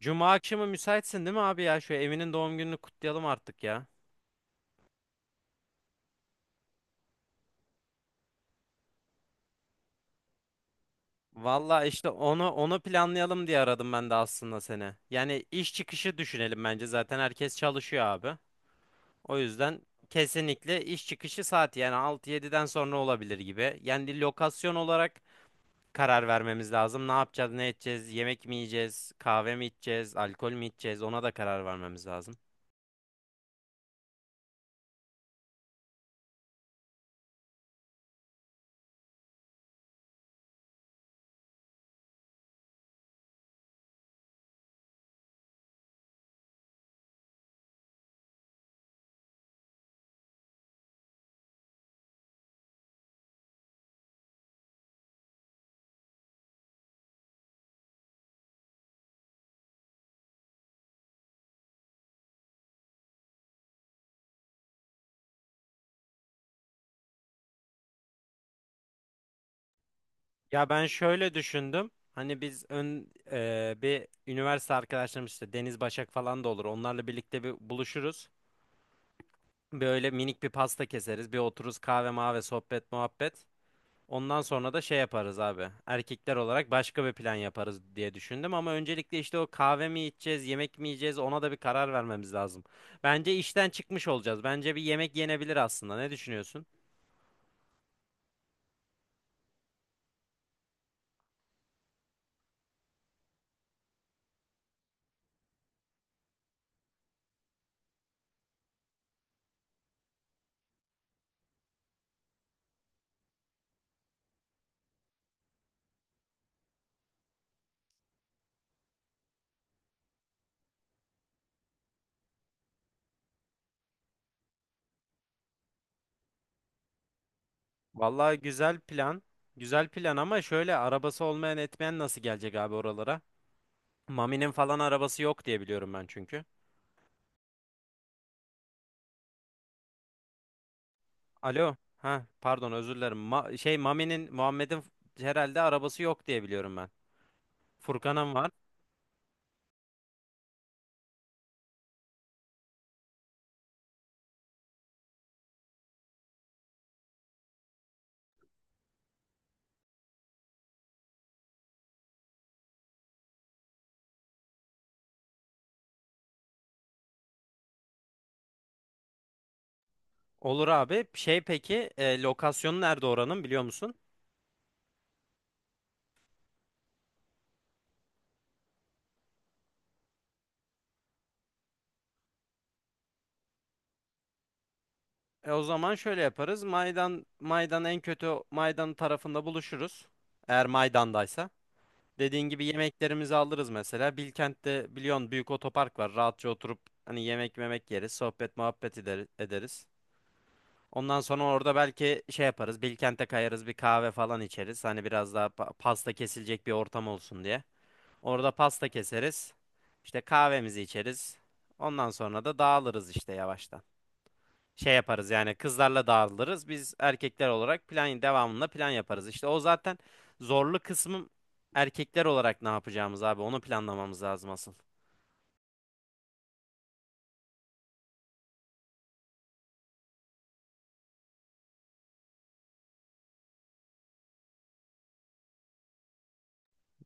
Cuma akşamı müsaitsin değil mi abi ya? Şu Emin'in doğum gününü kutlayalım artık ya. Valla işte onu planlayalım diye aradım ben de aslında seni. Yani iş çıkışı düşünelim bence zaten herkes çalışıyor abi. O yüzden kesinlikle iş çıkışı saati yani 6 yediden sonra olabilir gibi. Yani lokasyon olarak karar vermemiz lazım. Ne yapacağız, ne edeceğiz, yemek mi yiyeceğiz, kahve mi içeceğiz, alkol mü içeceğiz ona da karar vermemiz lazım. Ya ben şöyle düşündüm. Hani biz bir üniversite arkadaşlarımız işte Deniz Başak falan da olur. Onlarla birlikte bir buluşuruz. Böyle minik bir pasta keseriz. Bir otururuz kahve mahve sohbet muhabbet. Ondan sonra da şey yaparız abi. Erkekler olarak başka bir plan yaparız diye düşündüm. Ama öncelikle işte o kahve mi içeceğiz, yemek mi yiyeceğiz ona da bir karar vermemiz lazım. Bence işten çıkmış olacağız. Bence bir yemek yenebilir aslında. Ne düşünüyorsun? Vallahi güzel plan. Güzel plan ama şöyle arabası olmayan etmeyen nasıl gelecek abi oralara? Mami'nin falan arabası yok diye biliyorum ben çünkü. Alo. Ha pardon özür dilerim. Şey Mami'nin Muhammed'in herhalde arabası yok diye biliyorum ben. Furkan'ın var. Olur abi. Şey peki lokasyonu nerede oranın biliyor musun? O zaman şöyle yaparız. Maydan en kötü Maydan tarafında buluşuruz. Eğer Maydan'daysa. Dediğin gibi yemeklerimizi alırız mesela. Bilkent'te biliyorsun büyük otopark var. Rahatça oturup hani yemek memek yeriz. Sohbet muhabbet ederiz. Ondan sonra orada belki şey yaparız. Bilkent'e kayarız bir kahve falan içeriz. Hani biraz daha pasta kesilecek bir ortam olsun diye. Orada pasta keseriz. İşte kahvemizi içeriz. Ondan sonra da dağılırız işte yavaştan şey yaparız yani kızlarla dağılırız. Biz erkekler olarak plan devamında plan yaparız. İşte o zaten zorlu kısmım erkekler olarak ne yapacağımız abi onu planlamamız lazım asıl.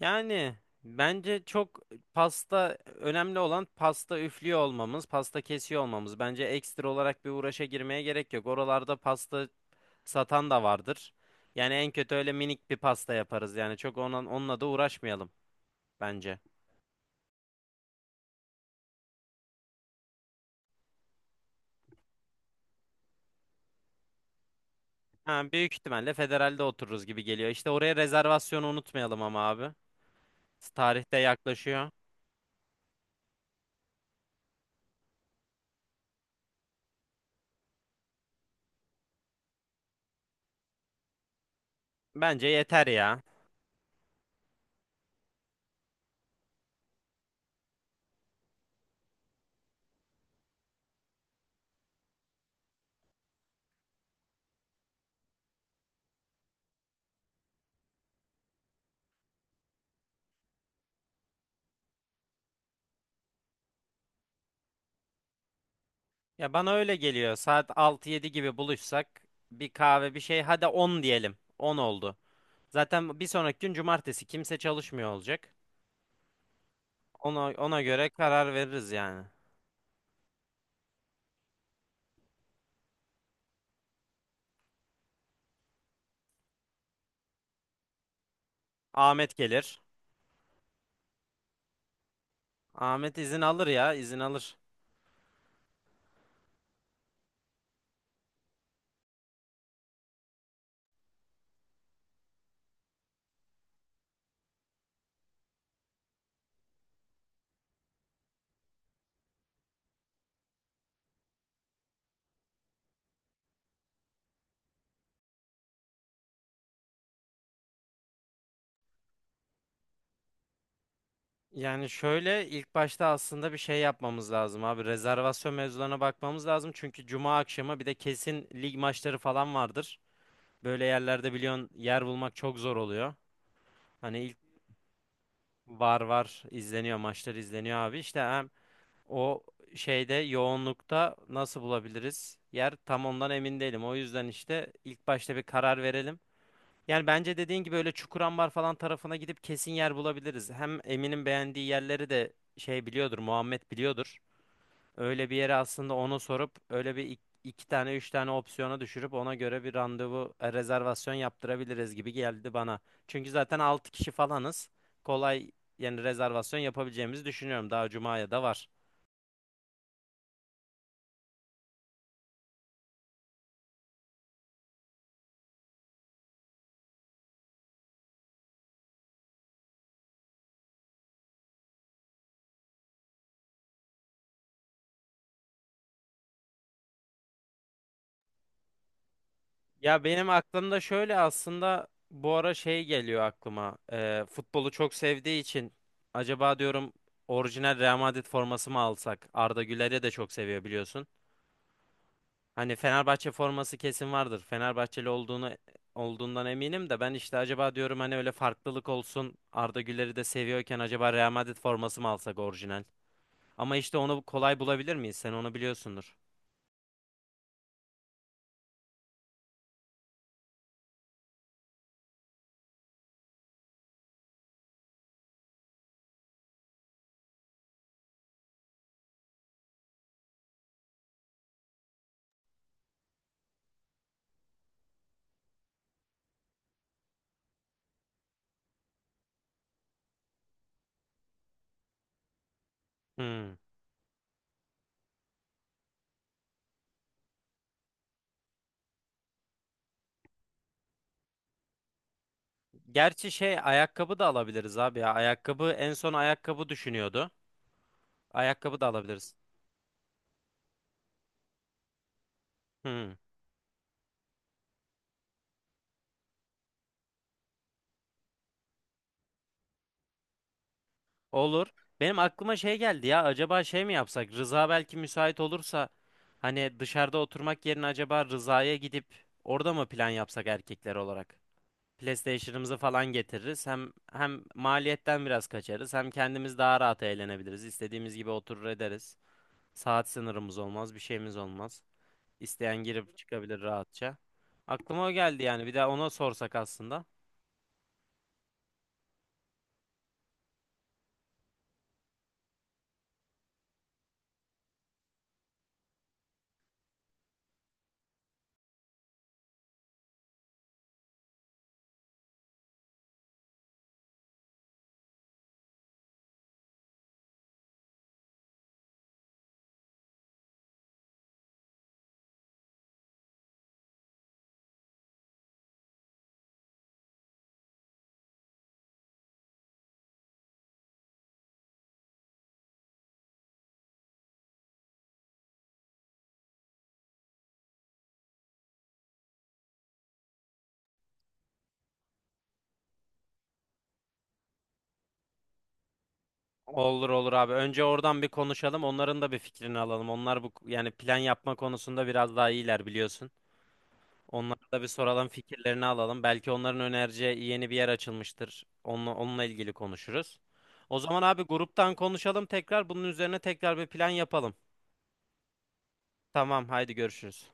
Yani bence çok pasta önemli olan pasta üflüyor olmamız, pasta kesiyor olmamız. Bence ekstra olarak bir uğraşa girmeye gerek yok. Oralarda pasta satan da vardır. Yani en kötü öyle minik bir pasta yaparız. Yani çok onunla da uğraşmayalım bence. Ha, büyük ihtimalle federalde otururuz gibi geliyor. İşte oraya rezervasyonu unutmayalım ama abi. Tarihte yaklaşıyor. Bence yeter ya. Ya bana öyle geliyor. Saat altı yedi gibi buluşsak bir kahve bir şey hadi 10 diyelim. 10 oldu. Zaten bir sonraki gün cumartesi kimse çalışmıyor olacak. Ona göre karar veririz yani. Ahmet gelir. Ahmet izin alır ya, izin alır. Yani şöyle ilk başta aslında bir şey yapmamız lazım abi. Rezervasyon mevzularına bakmamız lazım. Çünkü cuma akşamı bir de kesin lig maçları falan vardır. Böyle yerlerde biliyorsun yer bulmak çok zor oluyor. Hani ilk var izleniyor maçlar izleniyor abi. İşte hem o şeyde yoğunlukta nasıl bulabiliriz yer tam ondan emin değilim. O yüzden işte ilk başta bir karar verelim. Yani bence dediğin gibi öyle Çukurambar falan tarafına gidip kesin yer bulabiliriz. Hem Emin'in beğendiği yerleri de şey biliyordur, Muhammed biliyordur. Öyle bir yere aslında onu sorup öyle bir iki tane üç tane opsiyona düşürüp ona göre bir rezervasyon yaptırabiliriz gibi geldi bana. Çünkü zaten 6 kişi falanız. Kolay yani rezervasyon yapabileceğimizi düşünüyorum. Daha Cuma'ya da var. Ya benim aklımda şöyle aslında bu ara şey geliyor aklıma. Futbolu çok sevdiği için acaba diyorum orijinal Real Madrid forması mı alsak? Arda Güler'i de çok seviyor biliyorsun. Hani Fenerbahçe forması kesin vardır. Fenerbahçeli olduğundan eminim de ben işte acaba diyorum hani öyle farklılık olsun. Arda Güler'i de seviyorken acaba Real Madrid forması mı alsak orijinal? Ama işte onu kolay bulabilir miyiz? Sen onu biliyorsundur. Hmm. Gerçi şey ayakkabı da alabiliriz abi ya. Ayakkabı en son ayakkabı düşünüyordu. Ayakkabı da alabiliriz. Hı, olur. Benim aklıma şey geldi ya. Acaba şey mi yapsak? Rıza belki müsait olursa hani dışarıda oturmak yerine acaba Rıza'ya gidip orada mı plan yapsak erkekler olarak? PlayStation'ımızı falan getiririz. Hem maliyetten biraz kaçarız. Hem kendimiz daha rahat eğlenebiliriz. İstediğimiz gibi oturur ederiz. Saat sınırımız olmaz, bir şeyimiz olmaz. İsteyen girip çıkabilir rahatça. Aklıma o geldi yani. Bir de ona sorsak aslında. Olur olur abi. Önce oradan bir konuşalım. Onların da bir fikrini alalım. Onlar bu yani plan yapma konusunda biraz daha iyiler biliyorsun. Onlara da bir soralım, fikirlerini alalım. Belki onların önereceği yeni bir yer açılmıştır. Onunla ilgili konuşuruz. O zaman abi gruptan konuşalım tekrar. Bunun üzerine tekrar bir plan yapalım. Tamam, haydi görüşürüz.